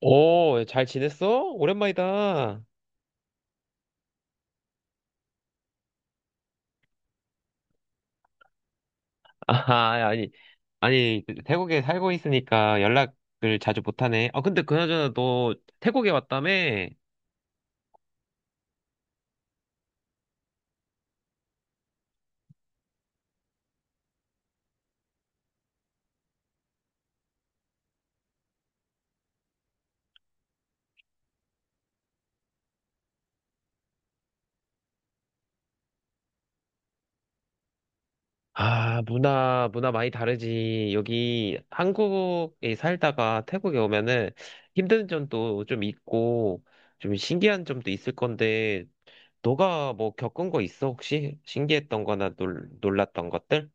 오, 잘 지냈어? 오랜만이다. 아, 아니, 아니, 태국에 살고 있으니까 연락을 자주 못하네. 아, 근데 그나저나 너 태국에 왔다며? 아, 문화 많이 다르지. 여기 한국에 살다가 태국에 오면은 힘든 점도 좀 있고, 좀 신기한 점도 있을 건데, 너가 뭐 겪은 거 있어, 혹시? 신기했던 거나 놀랐던 것들?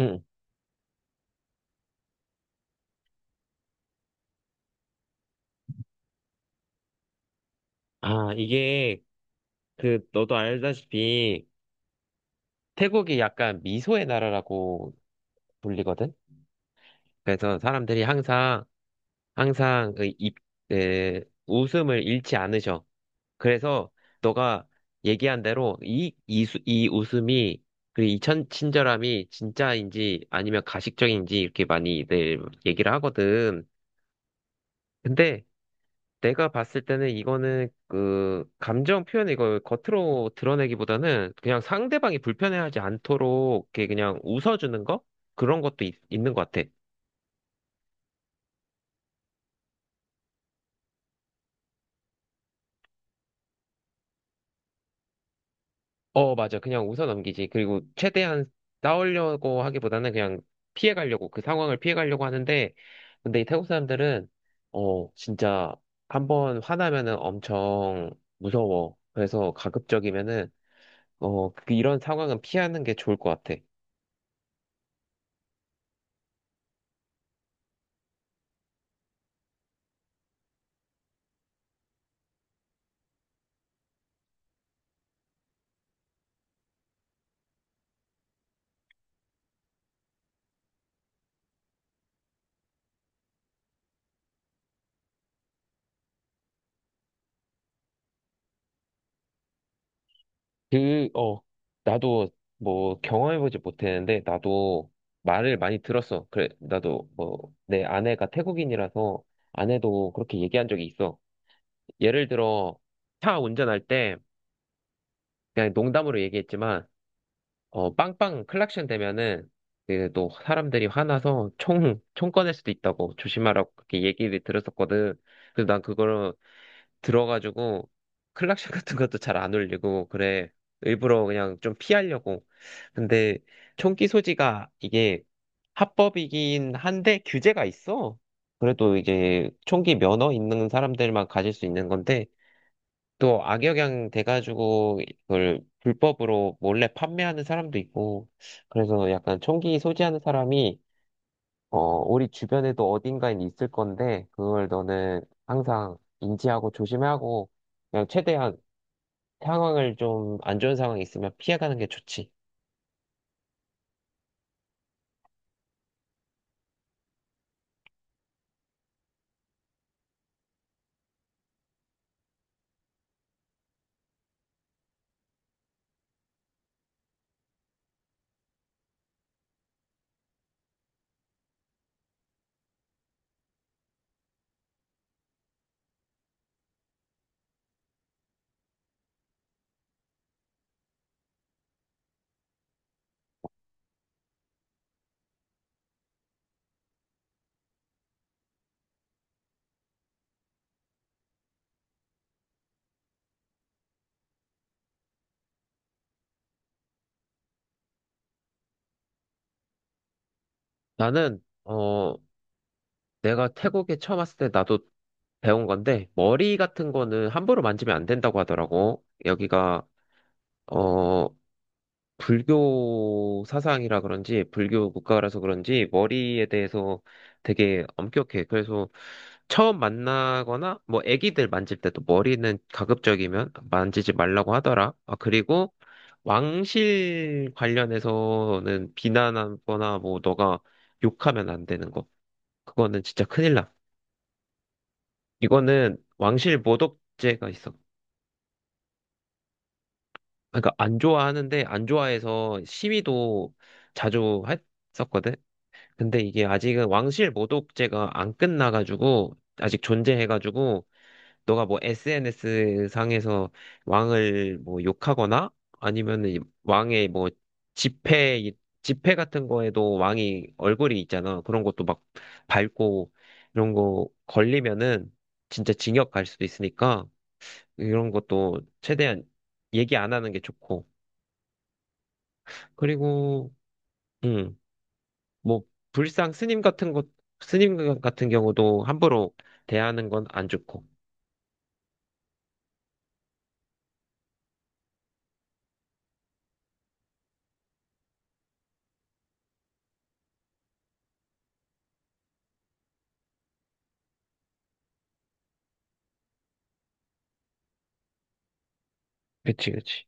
응. 아, 이게, 너도 알다시피, 태국이 약간 미소의 나라라고 불리거든. 그래서 사람들이 항상 웃음을 잃지 않으셔. 그래서 너가 얘기한 대로 이 웃음이 그 친절함이 진짜인지 아니면 가식적인지 이렇게 많이들 얘기를 하거든. 근데 내가 봤을 때는 이거는 그 감정 표현 이걸 겉으로 드러내기보다는 그냥 상대방이 불편해하지 않도록 이렇게 그냥 웃어주는 거 그런 것도 는것 같아. 어, 맞아. 그냥 웃어 넘기지. 그리고 최대한 싸우려고 하기보다는 그냥 피해가려고 그 상황을 피해가려고 하는데 근데 이 태국 사람들은 진짜 한번 화나면은 엄청 무서워. 그래서 가급적이면은 이런 상황은 피하는 게 좋을 것 같아. 그, 어, 나도 뭐 경험해보지 못했는데, 나도 말을 많이 들었어. 그래, 나도 뭐, 내 아내가 태국인이라서 아내도 그렇게 얘기한 적이 있어. 예를 들어, 차 운전할 때, 그냥 농담으로 얘기했지만, 어, 빵빵 클락션 되면은 그 또 사람들이 화나서 총 꺼낼 수도 있다고 조심하라고 그렇게 얘기를 들었었거든. 그래서 난 그걸 들어가지고 클락션 같은 것도 잘 안 울리고 그래. 일부러 그냥 좀 피하려고. 근데 총기 소지가 이게 합법이긴 한데 규제가 있어. 그래도 이제 총기 면허 있는 사람들만 가질 수 있는 건데 또 악영향 돼가지고 그걸 불법으로 몰래 판매하는 사람도 있고 그래서 약간 총기 소지하는 사람이 어 우리 주변에도 어딘가에 있을 건데 그걸 너는 항상 인지하고 조심해야 하고 그냥 최대한 상황을 좀 안 좋은 상황이 있으면 피해가는 게 좋지. 나는 내가 태국에 처음 왔을 때 나도 배운 건데 머리 같은 거는 함부로 만지면 안 된다고 하더라고. 여기가 어, 불교 사상이라 그런지, 불교 국가라서 그런지, 머리에 대해서 되게 엄격해. 그래서 처음 만나거나, 뭐, 애기들 만질 때도 머리는 가급적이면 만지지 말라고 하더라. 아, 그리고 왕실 관련해서는 비난하거나, 뭐, 너가 욕하면 안 되는 거. 그거는 진짜 큰일 나. 이거는 왕실 모독죄가 있어. 그러니까 안 좋아하는데, 안 좋아해서 시위도 자주 했었거든. 근데 이게 아직은 왕실 모독죄가 안 끝나가지고 아직 존재해가지고 너가 뭐 SNS 상에서 왕을 뭐 욕하거나 아니면은 이 왕의 뭐 지폐 이- 지폐 같은 거에도 왕이 얼굴이 있잖아. 그런 것도 막 밟고 이런 거 걸리면은 진짜 징역 갈 수도 있으니까 이런 것도 최대한 얘기 안 하는 게 좋고 그리고 음. 뭐 불상 스님 같은 것 스님 같은 경우도 함부로 대하는 건 안 좋고. 그치, 그치.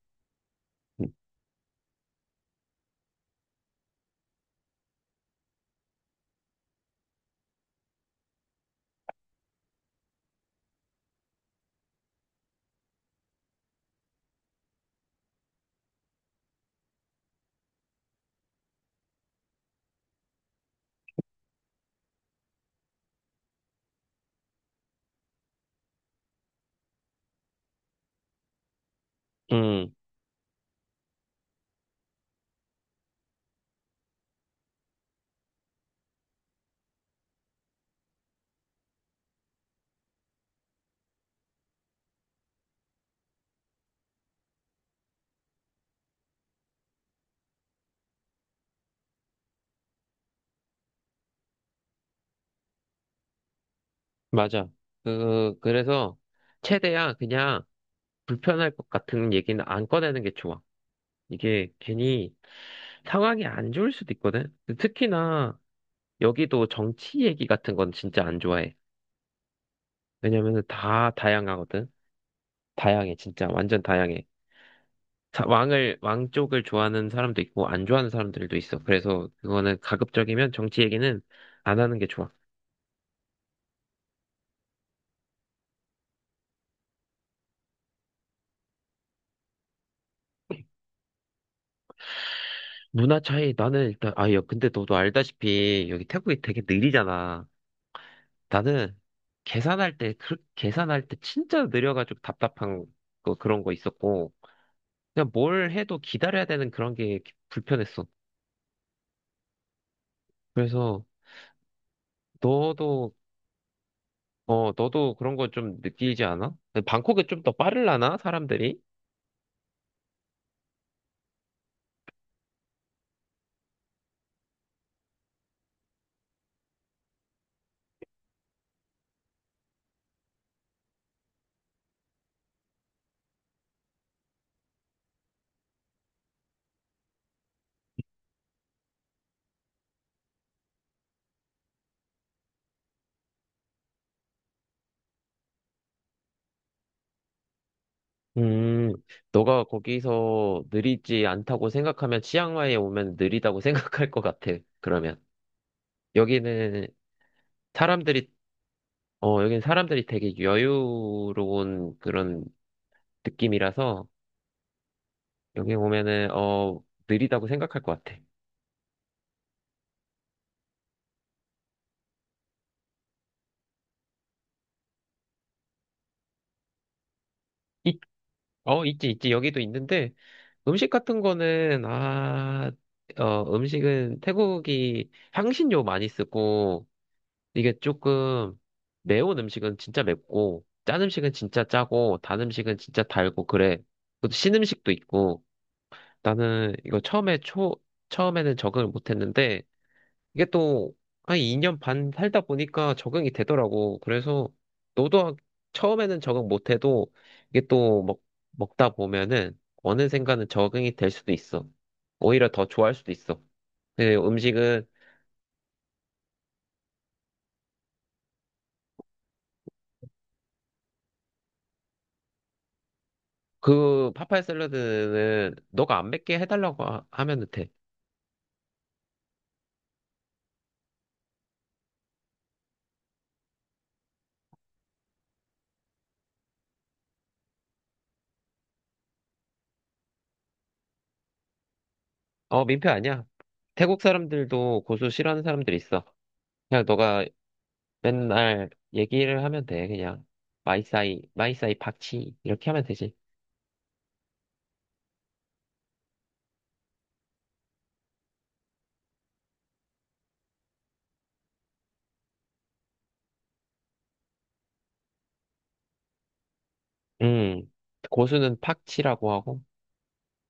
음, 맞아. 그래서 최대한 그냥 불편할 것 같은 얘기는 안 꺼내는 게 좋아. 이게 괜히 상황이 안 좋을 수도 있거든. 특히나 여기도 정치 얘기 같은 건 진짜 안 좋아해. 왜냐면 다 다양하거든. 다양해, 진짜. 완전 다양해. 왕 쪽을 좋아하는 사람도 있고, 안 좋아하는 사람들도 있어. 그래서 그거는 가급적이면 정치 얘기는 안 하는 게 좋아. 문화 차이, 나는 일단, 아, 야, 근데 너도 알다시피 여기 태국이 되게 느리잖아. 나는 계산할 때 진짜 느려가지고 답답한 거, 그런 거 있었고, 그냥 뭘 해도 기다려야 되는 그런 게 불편했어. 그래서 너도, 어, 너도 그런 거 좀 느끼지 않아? 방콕은 좀 더 빠르려나? 사람들이? 음, 너가 거기서 느리지 않다고 생각하면 치앙마이에 오면 느리다고 생각할 것 같아. 그러면 여기는 사람들이 어 여기는 사람들이 되게 여유로운 그런 느낌이라서 여기 오면은 어 느리다고 생각할 것 같아. 있, 어 있지 여기도 있는데 음식 같은 거는 아 어 음식은 태국이 향신료 많이 쓰고 이게 조금 매운 음식은 진짜 맵고 짠 음식은 진짜 짜고 단 음식은 진짜 달고 그래. 그것도 신 음식도 있고 나는 이거 처음에 초 처음에는 적응을 못했는데 이게 또 한 2년 반 살다 보니까 적응이 되더라고. 그래서 너도 하- 처음에는 적응 못해도 이게 또 먹다 보면은 어느 순간은 적응이 될 수도 있어. 오히려 더 좋아할 수도 있어. 근데 음식은 그 파파야 샐러드는 너가 안 맵게 하면 돼. 어, 민폐 아니야. 태국 사람들도 고수 싫어하는 사람들 있어. 그냥 너가 맨날 얘기를 하면 돼. 그냥 마이사이 팍치 이렇게 하면 되지. 음, 고수는 팍치라고 하고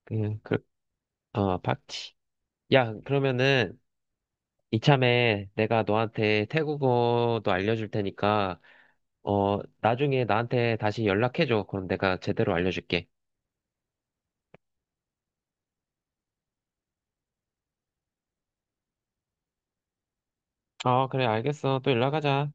그냥 그, 팍치. 야, 그러면은 이참에 내가 너한테 태국어도 알려줄 테니까 어, 나중에 나한테 다시 연락해줘. 그럼 내가 제대로 알려줄게. 아, 그래, 알겠어. 또 연락하자.